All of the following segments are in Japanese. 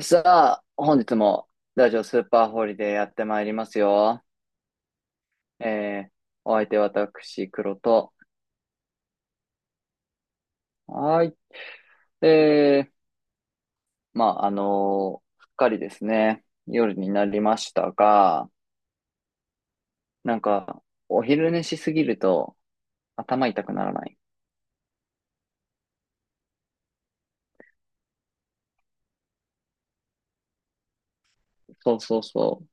さあ、本日もラジオスーパーホリデーやってまいりますよ。えー、お相手私、黒と。はーい。すっかりですね、夜になりましたが、なんか、お昼寝しすぎると頭痛くならない？そうそうそう。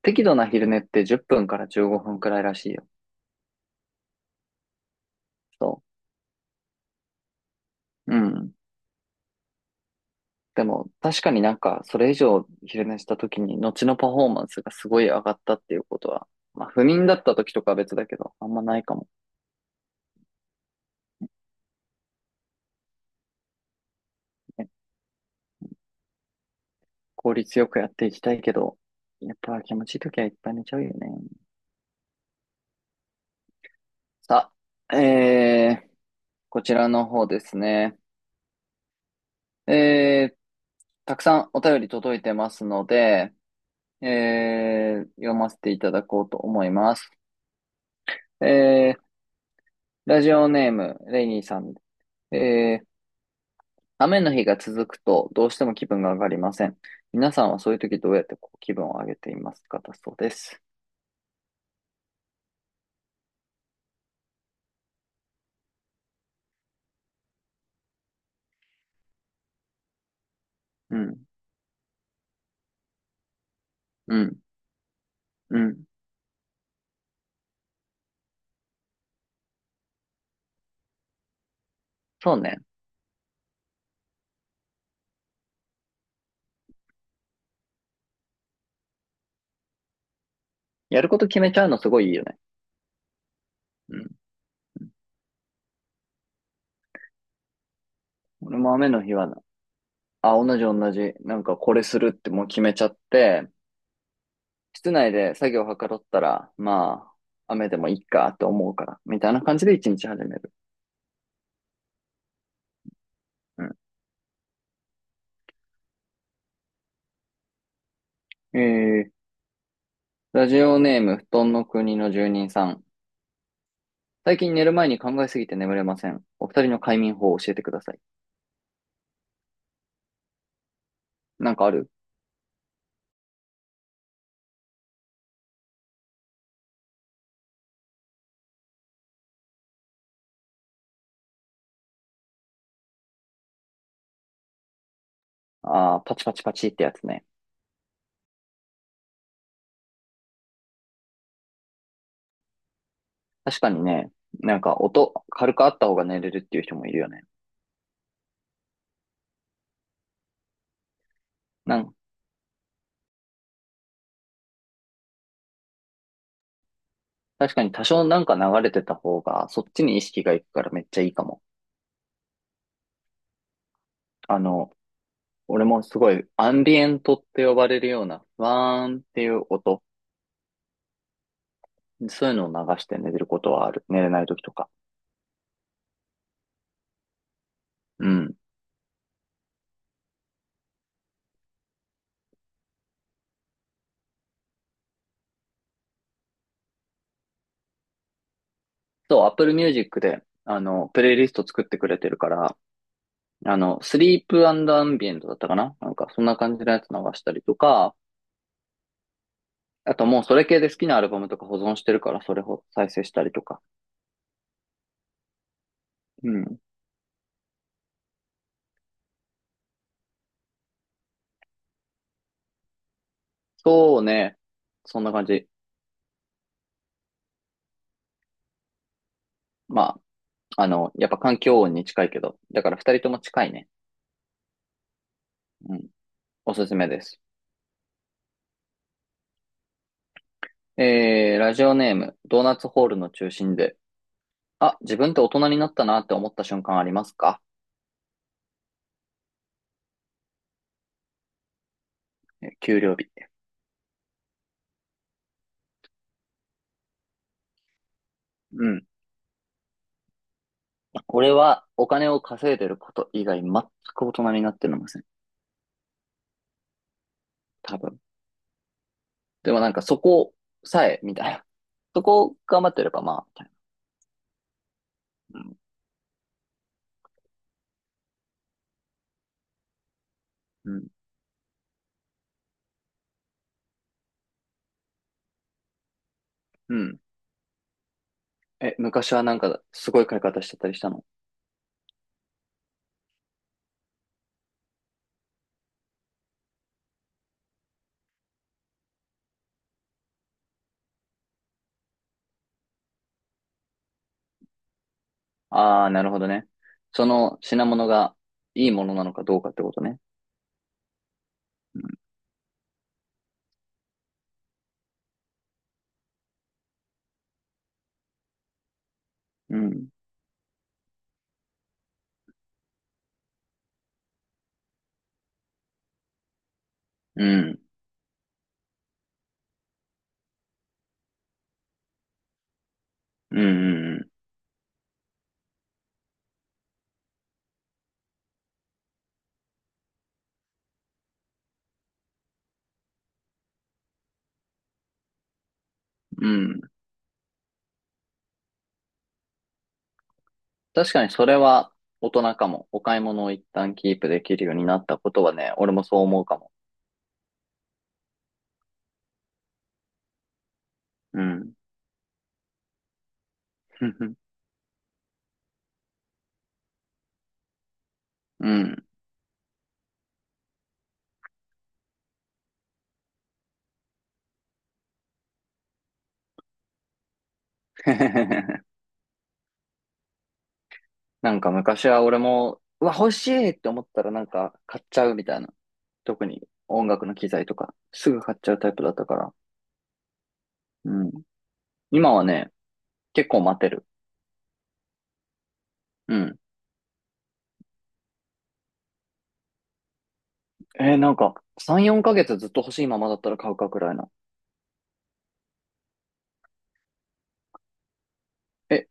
適度な昼寝って10分から15分くらいらしいよ。そう。うん。でも、確かにそれ以上昼寝した時に、後のパフォーマンスがすごい上がったっていうことは、まあ、不眠だった時とかは別だけど、あんまないかもね。効率よくやっていきたいけど、やっぱ気持ちいい時はいっぱい寝ちゃうよね。さあ、えー、こちらの方ですね。えー、たくさんお便り届いてますので、読ませていただこうと思います。えー、ラジオネーム、レイニーさん。えー、雨の日が続くとどうしても気分が上がりません。皆さんはそういう時どうやってこう気分を上げていますかだそうです。うん、うん、うん。そうね。やること決めちゃうのすごいいいよね。うん。俺も雨の日はな、あ、同じ。なんかこれするってもう決めちゃって、室内で作業はかどったら、まあ、雨でもいいかって思うから、みたいな感じで一日始める。うん。ラジオネーム、布団の国の住人さん。最近寝る前に考えすぎて眠れません。お二人の快眠法を教えてください。なんかある？ああー、パチパチパチってやつね。確かにね、なんか音、軽くあった方が寝れるっていう人もいるよね。なん、確かに多少なんか流れてた方が、そっちに意識がいくからめっちゃいいかも。あの、俺もすごいアンビエントって呼ばれるような、ふわーんっていう音、そういうのを流して寝れることはある。寝れない時とか。うん。そう、Apple Music で、プレイリスト作ってくれてるから、スリープアンビエントだったかななんか、そんな感じのやつ流したりとか、あともうそれ系で好きなアルバムとか保存してるから、それを再生したりとか。うん。そうね。そんな感じ。まやっぱ環境音に近いけど、だから二人とも近いね。うん。おすすめです。ラジオネーム、ドーナツホールの中心で、あ、自分って大人になったなって思った瞬間ありますか？給料日。うん。俺はお金を稼いでること以外全く大人になってません。多分。でもなんかそこさえ、みたいな。そこを頑張ってればまあ、みたいな。うん。うん。うん。え、昔はなんかすごい買い方してたりしたの？ああー、なるほどね。その品物がいいものなのかどうかってことね。うん。うん。うん。うん。うん。うん。確かにそれは大人かも。お買い物を一旦キープできるようになったことはね、俺もそう思うかも。うん。うん。なんか昔は俺も、うわ、欲しいって思ったらなんか買っちゃうみたいな。特に音楽の機材とか、すぐ買っちゃうタイプだったから。うん。今はね、結構待てる。うん。3、4ヶ月ずっと欲しいままだったら買うかくらいな。え、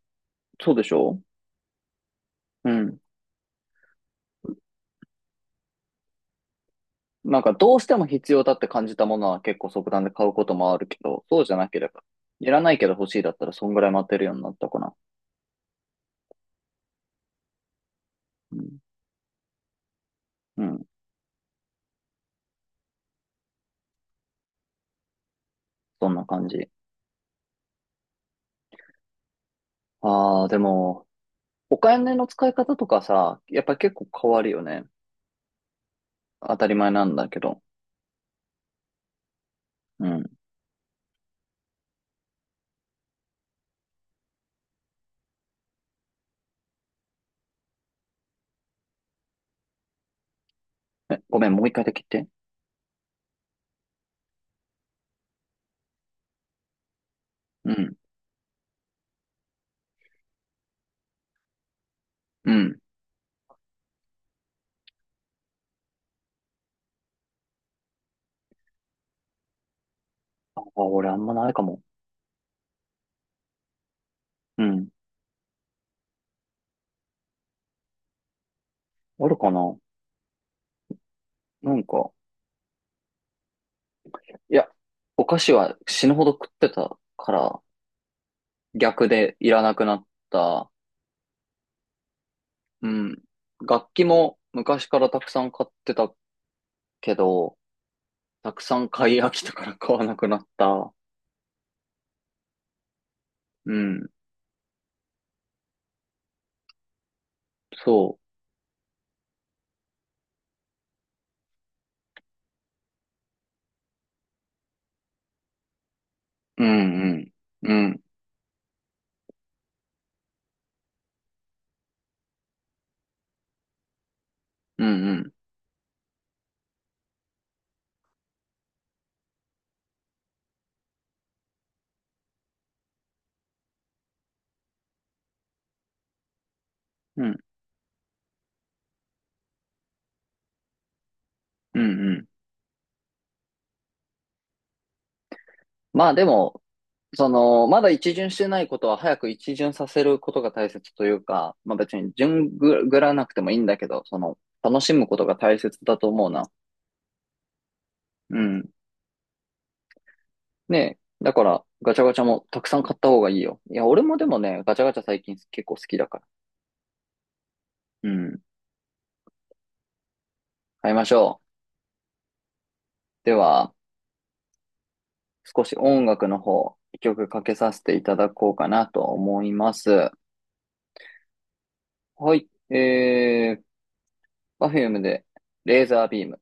そうでしょ？うん。なんか、どうしても必要だって感じたものは結構即断で買うこともあるけど、そうじゃなければ、いらないけど欲しいだったらそんぐらい待てるようになったかな。うん。うん。そんな感じ。ああ、でも、お金の使い方とかさ、やっぱり結構変わるよね。当たり前なんだけど。うん。え、ごめん、もう一回だけ言って。うん。うん。あ、俺あんまないかも。うん。あるかな？なんか、いや、お菓子は死ぬほど食ってたから、逆でいらなくなった。うん。楽器も昔からたくさん買ってたけど、たくさん買い飽きたから買わなくなった。うん。そう。うんうん。うん。うんうん。うん。うんうん。まあでも、その、まだ一巡してないことは早く一巡させることが大切というか、まあ別に順ぐぐらなくてもいいんだけど、その、楽しむことが大切だと思うな。うん。ねえ。だから、ガチャガチャもたくさん買った方がいいよ。いや、俺もでもね、ガチャガチャ最近結構好きだから。うん。買いましょう。では、少し音楽の方、一曲かけさせていただこうかなと思います。はい。えー、Perfume で、レーザービーム。